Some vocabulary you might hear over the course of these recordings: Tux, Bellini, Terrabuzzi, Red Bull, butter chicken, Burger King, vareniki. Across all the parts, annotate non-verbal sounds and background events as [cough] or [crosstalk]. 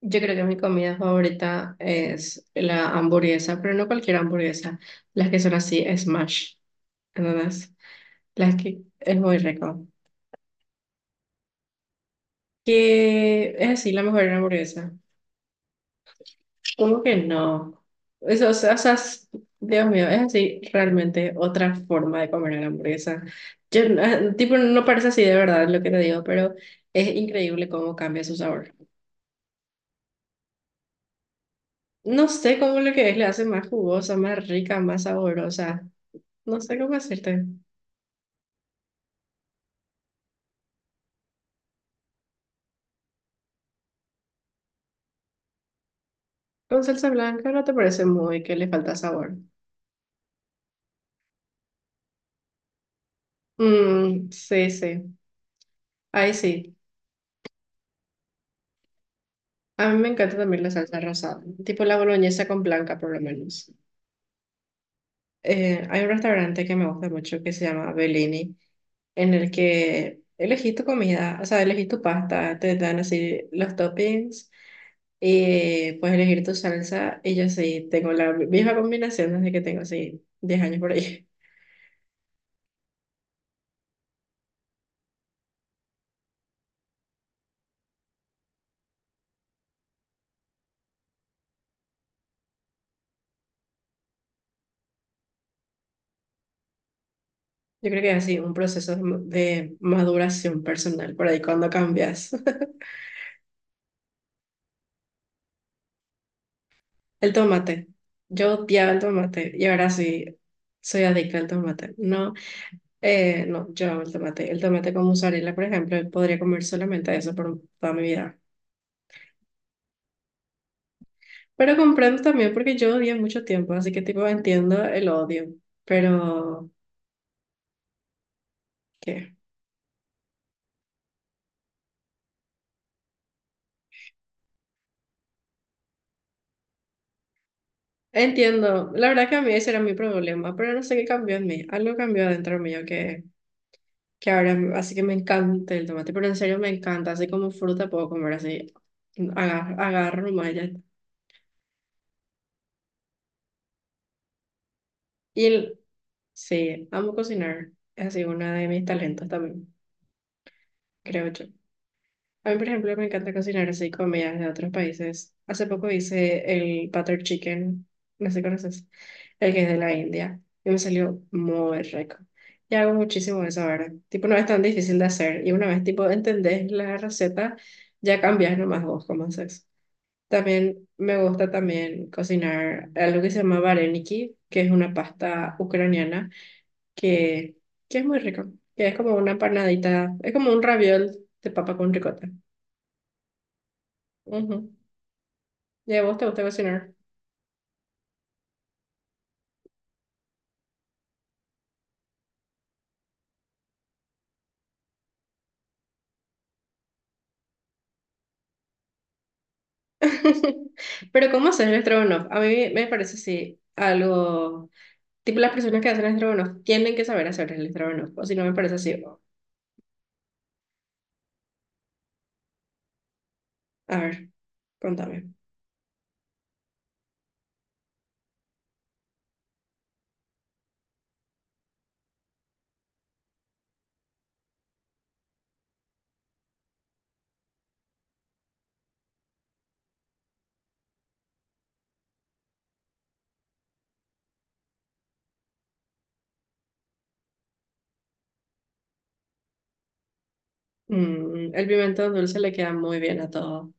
Yo creo que mi comida favorita es la hamburguesa, pero no cualquier hamburguesa, las que son así, smash, ¿entendés? Las que es muy rico. Que es así la mejor hamburguesa. ¿Cómo que no? Eso, o sea, Dios mío, es así realmente otra forma de comer la hamburguesa. Yo, tipo, no parece así de verdad lo que te digo, pero es increíble cómo cambia su sabor. No sé cómo lo que es le hace más jugosa, más rica, más saborosa. No sé cómo decirte. Con salsa blanca no te parece muy que le falta sabor. Mm, sí, sí. Ahí sí. A mí me encanta también la salsa rosada, tipo la boloñesa con blanca por lo menos. Hay un restaurante que me gusta mucho que se llama Bellini, en el que elegís tu comida, o sea, elegís tu pasta, te dan así los toppings y puedes elegir tu salsa. Y yo sí, tengo la misma combinación desde que tengo así 10 años por ahí. Yo creo que es así, un proceso de maduración personal, por ahí cuando cambias. [laughs] El tomate. Yo odiaba el tomate y ahora sí soy adicta al tomate. No, no, yo amo el tomate. El tomate con mozzarella, por ejemplo, podría comer solamente eso por toda mi vida. Pero comprendo también porque yo odié mucho tiempo, así que tipo entiendo el odio. Pero, ¿qué? Entiendo. La verdad que a mí ese era mi problema, pero no sé qué cambió en mí. Algo cambió adentro mío que ahora, así que me encanta el tomate, pero en serio me encanta, así como fruta puedo comer así, agarro nomás y ya está. Y el- sí, amo cocinar, es así uno de mis talentos también, creo yo. A mí, por ejemplo, me encanta cocinar así comidas de otros países. Hace poco hice el butter chicken, no sé si conoces, el que es de la India, y me salió muy rico. Y hago muchísimo de eso ahora. Tipo, no es tan difícil de hacer. Y una vez, tipo, entendés la receta, ya cambias nomás vos cómo haces. También me gusta también cocinar algo que se llama vareniki, que es una pasta ucraniana que, que es muy rico, que es como una empanadita es como un raviol de papa con ricota. Ujú. ¿Y a vos te gusta cocinar? [laughs] Pero ¿cómo haces el estrogonoff? A mí me parece así algo, tipo las personas que hacen estrogonoff tienen que saber hacer el estrogonoff, o si no me parece así. A ver, contame. Mm, el pimentón dulce le queda muy bien a todo.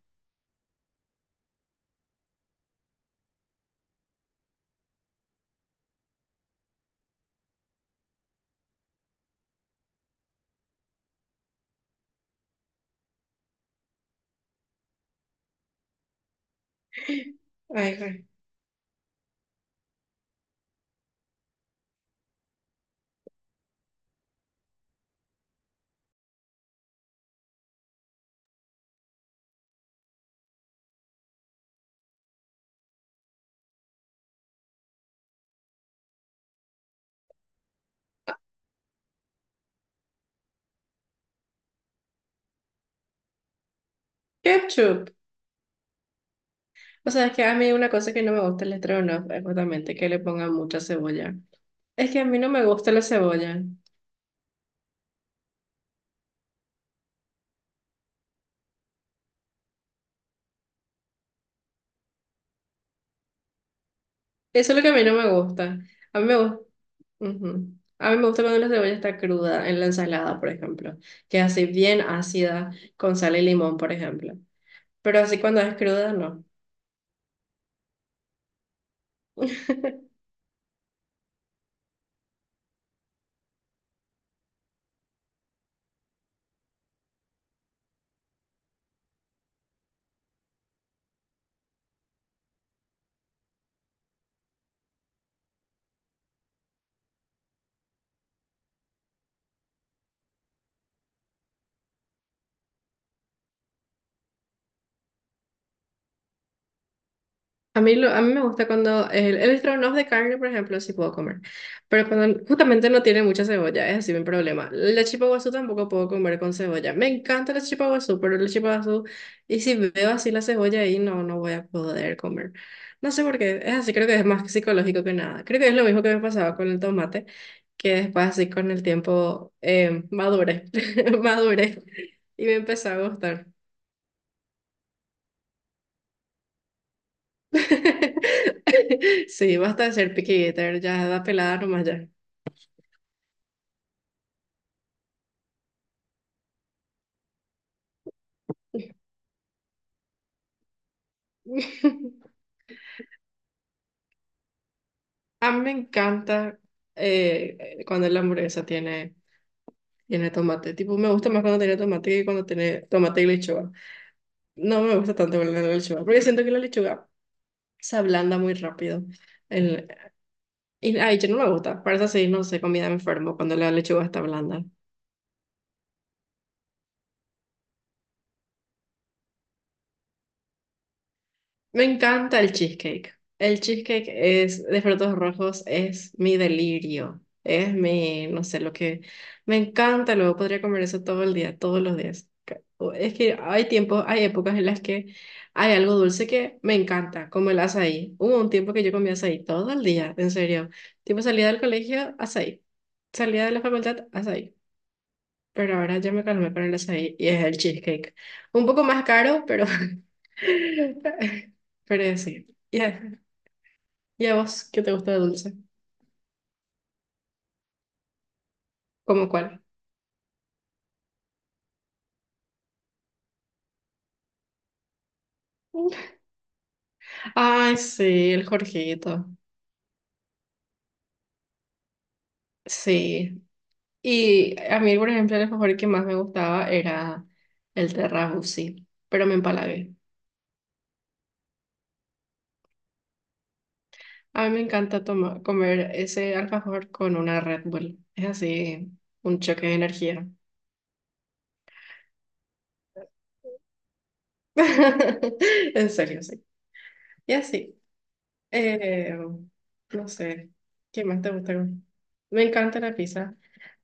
[laughs] Ay, güey. Ketchup. O sea, es que a mí una cosa que no me gusta el estrogonofe es justamente que le pongan mucha cebolla. Es que a mí no me gusta la cebolla. Eso es lo que a mí no me gusta. A mí me gusta, a mí me gusta cuando la cebolla está cruda en la ensalada, por ejemplo, que es así bien ácida con sal y limón, por ejemplo. Pero así cuando es cruda, no. [laughs] A mí, a mí me gusta cuando el estrogonoff de carne, por ejemplo, sí puedo comer, pero cuando justamente no tiene mucha cebolla, es así mi problema. La chipa guazú tampoco puedo comer con cebolla. Me encanta la chipa guazú, pero la chipa guazú, y si veo así la cebolla ahí, no, no voy a poder comer. No sé por qué, es así, creo que es más psicológico que nada. Creo que es lo mismo que me pasaba con el tomate, que después así con el tiempo madure [laughs] madure y me empezó a gustar. [laughs] Sí, basta de ser picky eater, ya da pelada nomás ya. [laughs] A mí me encanta cuando la hamburguesa tiene tomate. Tipo, me gusta más cuando tiene tomate que cuando tiene tomate y lechuga. No me gusta tanto con la lechuga, porque siento que la lechuga se ablanda muy rápido. El, y ay, yo no me gusta. Para eso sí, no sé, comida me enfermo cuando la lechuga está blanda. Me encanta el cheesecake. El cheesecake es de frutos rojos, es mi delirio. Es mi, no sé, lo que me encanta. Luego podría comer eso todo el día, todos los días. Es que hay tiempos, hay épocas en las que hay algo dulce que me encanta, como el azaí. Hubo un tiempo que yo comía azaí todo el día, en serio. Tipo salía del colegio, azaí. Salía de la facultad, azaí pero ahora ya me calmé para el açaí y es el cheesecake. Un poco más caro, pero, [laughs] pero sí. ¿Y a vos qué te gusta de dulce? ¿Cómo cuál? Ay, sí, el Jorgito. Sí. Y a mí, por ejemplo, el alfajor que más me gustaba era el Terrabuzzi, pero me empalagué. A mí me encanta comer ese alfajor con una Red Bull. Es así, un choque de energía. [laughs] En serio, sí. Y así. Eh, no sé, ¿qué más te gusta? ¿Comer? Me encanta la pizza.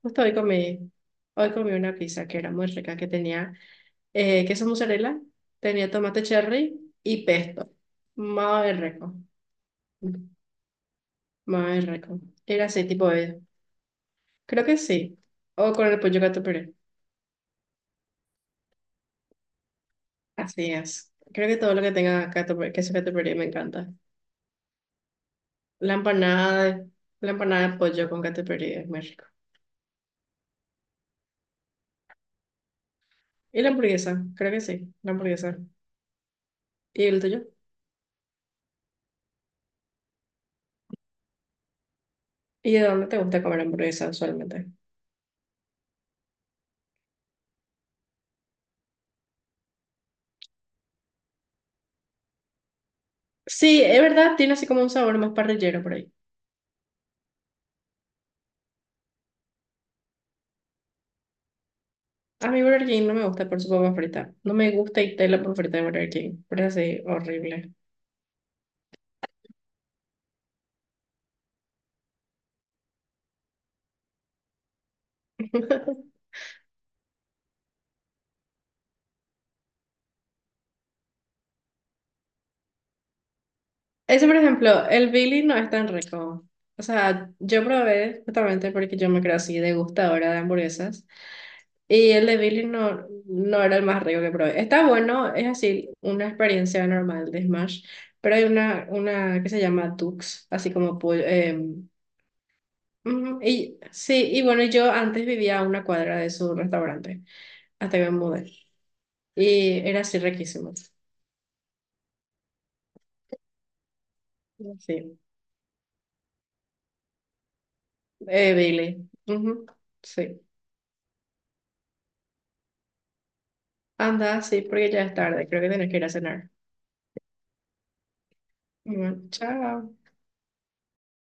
Justo hoy comí, hoy comí una pizza que era muy rica, que tenía queso mozzarella, tenía tomate cherry y pesto. Muy rico, muy rico. Era así, tipo de, creo que sí, o con el pollo gato puré. Así es. Creo que todo lo que tenga gato, queso gato puré me encanta. La empanada de, la empanada de pollo con gato puré es muy rico. Y la hamburguesa, creo que sí, la hamburguesa. ¿Y el tuyo? ¿Y de dónde te gusta comer hamburguesa usualmente? Sí, es verdad, tiene así como un sabor más parrillero por ahí. A mí Burger King no me gusta por su papa frita. No me gusta y la papa frita de Burger King. Pero es así, horrible. [laughs] Ese, por ejemplo, el Billy no es tan rico. O sea, yo probé justamente porque yo me creo así degustadora de hamburguesas. Y el de Billy no, no era el más rico que probé. Está bueno, es así, una experiencia normal de Smash. Pero hay una que se llama Tux, así como pollo, ujú, y sí, y bueno, yo antes vivía a una cuadra de su restaurante, hasta que me mudé. Y era así riquísimo. Sí, Billy. Ujú, sí, anda, sí, porque ya es tarde, creo que tienes que ir a cenar. Bueno, chao.